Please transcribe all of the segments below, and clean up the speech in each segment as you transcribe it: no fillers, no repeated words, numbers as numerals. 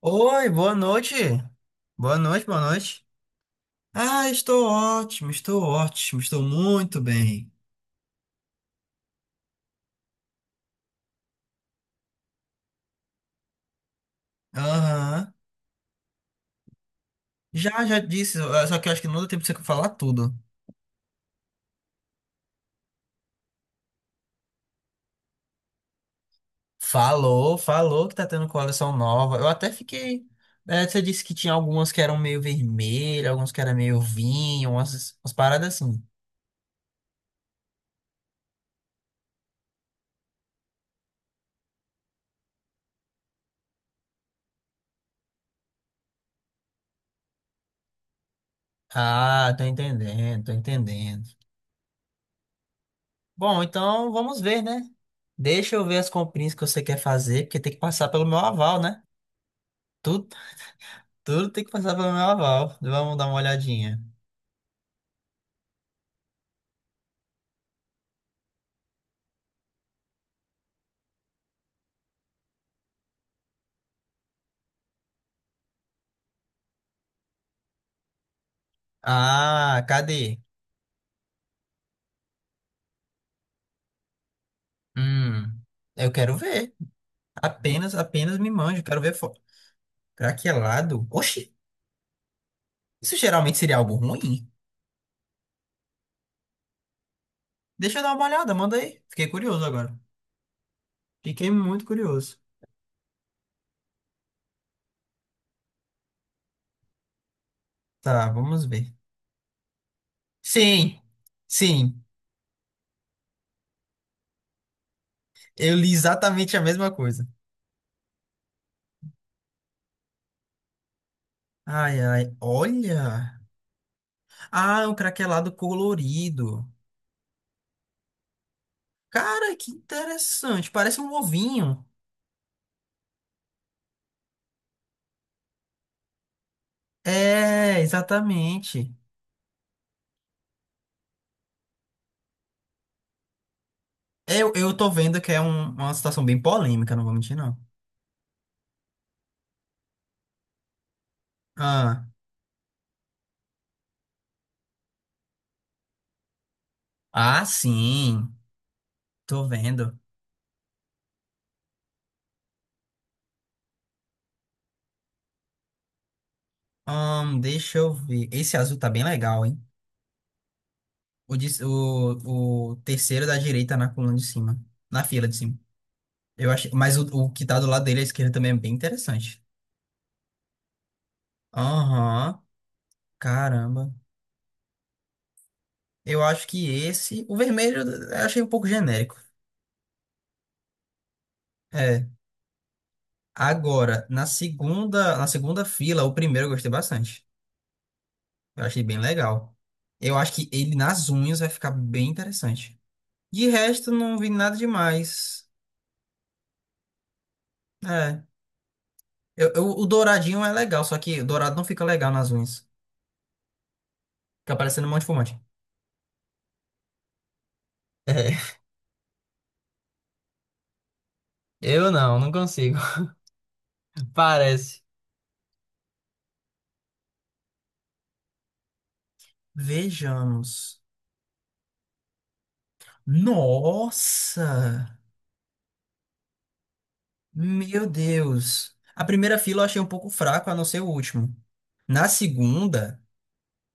Oi, boa noite. Boa noite, boa noite. Ah, estou ótimo, estou ótimo, estou muito bem. Aham. Já, já disse, só que eu acho que não deu tempo de você falar tudo. Falou, falou que tá tendo coleção nova. Eu até fiquei. Você disse que tinha algumas que eram meio vermelhas, algumas que eram meio vinho, umas paradas assim. Ah, tô entendendo, tô entendendo. Bom, então vamos ver, né? Deixa eu ver as comprinhas que você quer fazer, porque tem que passar pelo meu aval, né? Tu Tudo tem que passar pelo meu aval. Vamos dar uma olhadinha. Ah, cadê? Hum, eu quero ver. Apenas, apenas me manjo. Quero ver foto. Craquelado? Oxi, isso geralmente seria algo ruim? Deixa eu dar uma olhada, manda aí. Fiquei curioso agora. Fiquei muito curioso. Tá, vamos ver. Sim, sim. Eu li exatamente a mesma coisa. Ai, ai, olha. Ah, é um craquelado colorido. Cara, que interessante. Parece um ovinho. É, exatamente. Eu tô vendo que é uma situação bem polêmica, não vou mentir, não. Ah, ah, sim. Tô vendo. Deixa eu ver. Esse azul tá bem legal, hein? O terceiro é da direita na coluna de cima. Na fila de cima. Eu achei, mas o que tá do lado dele à esquerda também é bem interessante. Aham, caramba. Eu acho que esse. O vermelho eu achei um pouco genérico. É. Agora, na segunda fila, o primeiro eu gostei bastante. Eu achei bem legal. Eu acho que ele nas unhas vai ficar bem interessante. De resto, não vi nada demais. É. O douradinho é legal, só que o dourado não fica legal nas unhas. Fica parecendo um monte de fumante. É, eu não consigo. Parece. Vejamos. Nossa! Meu Deus! A primeira fila eu achei um pouco fraco, a não ser o último. Na segunda,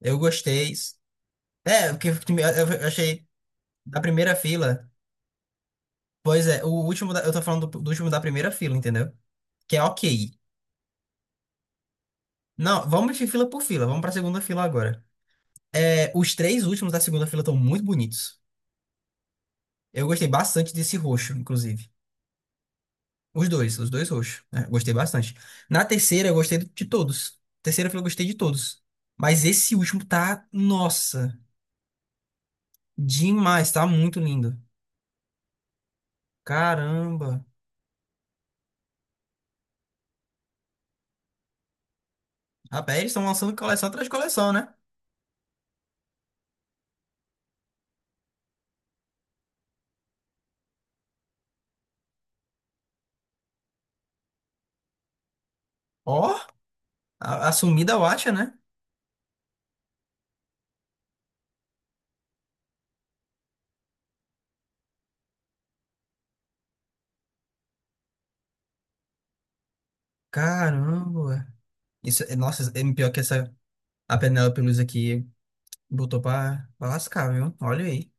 eu gostei. É, porque eu achei. Da primeira fila. Pois é, eu tô falando do último da primeira fila, entendeu? Que é ok. Não, vamos de fila por fila, vamos pra segunda fila agora. É, os três últimos da segunda fila estão muito bonitos. Eu gostei bastante desse roxo, inclusive. Os dois roxos, né? Gostei bastante. Na terceira, eu gostei de todos. Terceira fila, eu gostei de todos. Mas esse último tá, nossa, demais, tá muito lindo. Caramba. Rapaz, eles estão lançando coleção atrás de coleção, né? Ó, a sumida Watcha, né? Caramba, isso, é, nossa, é pior que essa a Penélope Luz aqui botou pra lascar, viu? Olha aí.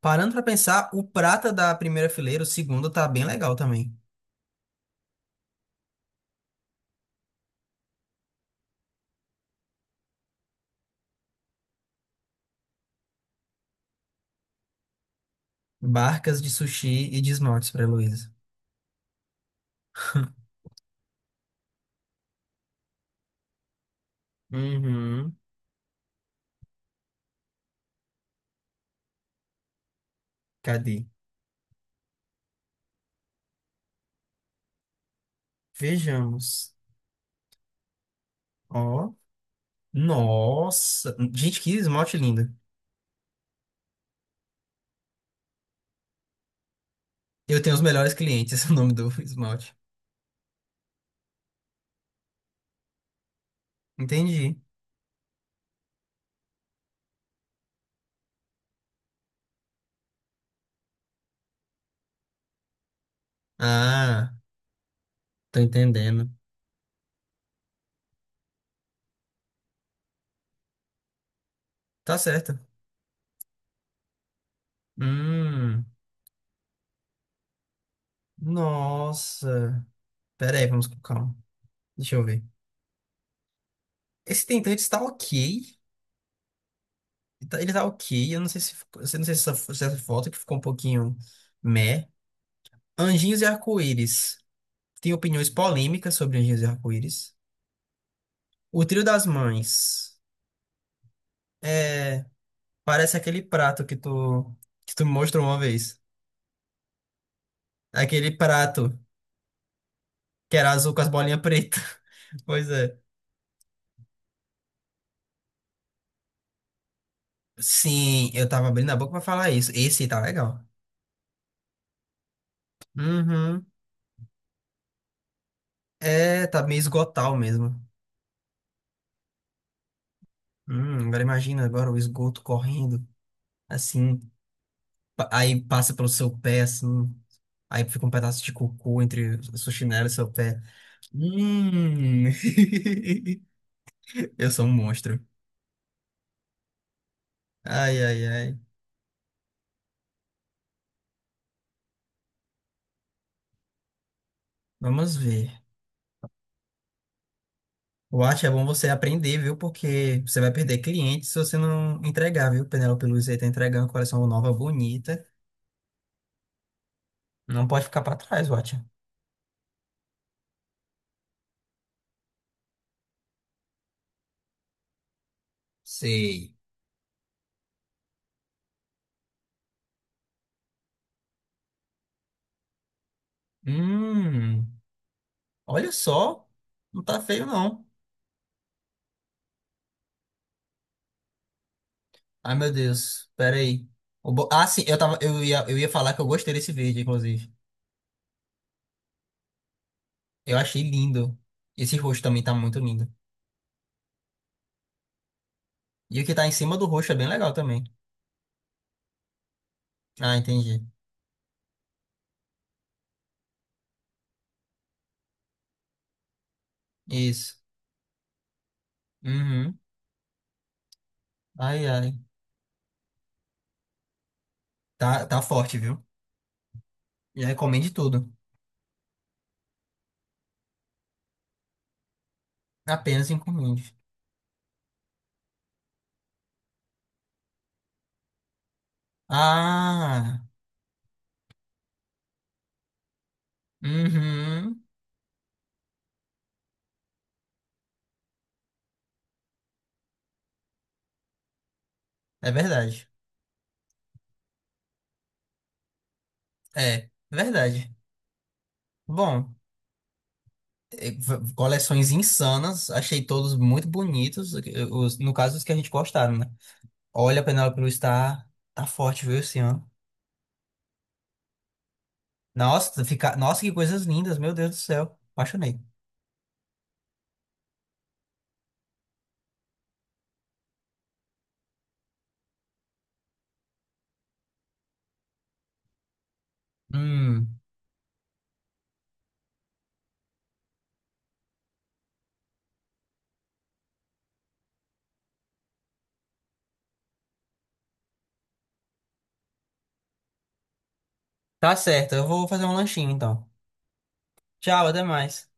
Parando pra pensar, o prata da primeira fileira, o segundo, tá bem legal também. Barcas de sushi e de esmaltes pra Heloísa. Uhum. Cadê? Vejamos. Ó. Nossa! Gente, que esmalte lindo. Eu tenho os melhores clientes, o nome do esmalte. Entendi. Ah, tô entendendo. Tá certo. Hum. Nossa. Pera aí, vamos com calma. Deixa eu ver. Esse tentante tá ok. Ele tá ok. Eu não sei se, eu não sei se se essa foto que ficou um pouquinho meh. Anjinhos e Arco-Íris. Tem opiniões polêmicas sobre Anjinhos e Arco-Íris. O Trio das Mães. É, parece aquele prato que tu me mostrou uma vez. Aquele prato que era azul com as bolinhas pretas. Pois é. Sim, eu tava abrindo a boca pra falar isso. Esse tá legal. Uhum. É, tá meio esgotal mesmo. Agora imagina agora o esgoto correndo, assim, aí passa pelo seu pé, assim, aí fica um pedaço de cocô entre o seu chinelo e seu pé. Hum, eu sou um monstro. Ai, ai, ai. Vamos ver. Eu acho que é bom você aprender, viu? Porque você vai perder clientes se você não entregar, viu? Penélope Luiz aí tá entregando uma coleção nova, bonita. Não pode ficar pra trás, Watcha. Sei. Hum, olha só. Não tá feio, não. Ai, meu Deus. Pera aí. Ah, sim, eu ia falar que eu gostei desse verde, inclusive. Eu achei lindo. Esse roxo também tá muito lindo. E o que tá em cima do roxo é bem legal também. Ah, entendi. Isso. Uhum. Ai, ai. Tá, tá forte, viu? E aí, encomende tudo. Apenas encomende. Ah. Uhum. É verdade. É, é verdade. Bom, coleções insanas. Achei todos muito bonitos. Os, no caso, os que a gente gostaram, né? Olha, a Penélope Cruz tá, tá forte, viu, esse ano. Nossa, fica... Nossa, que coisas lindas, meu Deus do céu. Apaixonei. Hum, tá certo, eu vou fazer um lanchinho então. Tchau, até mais.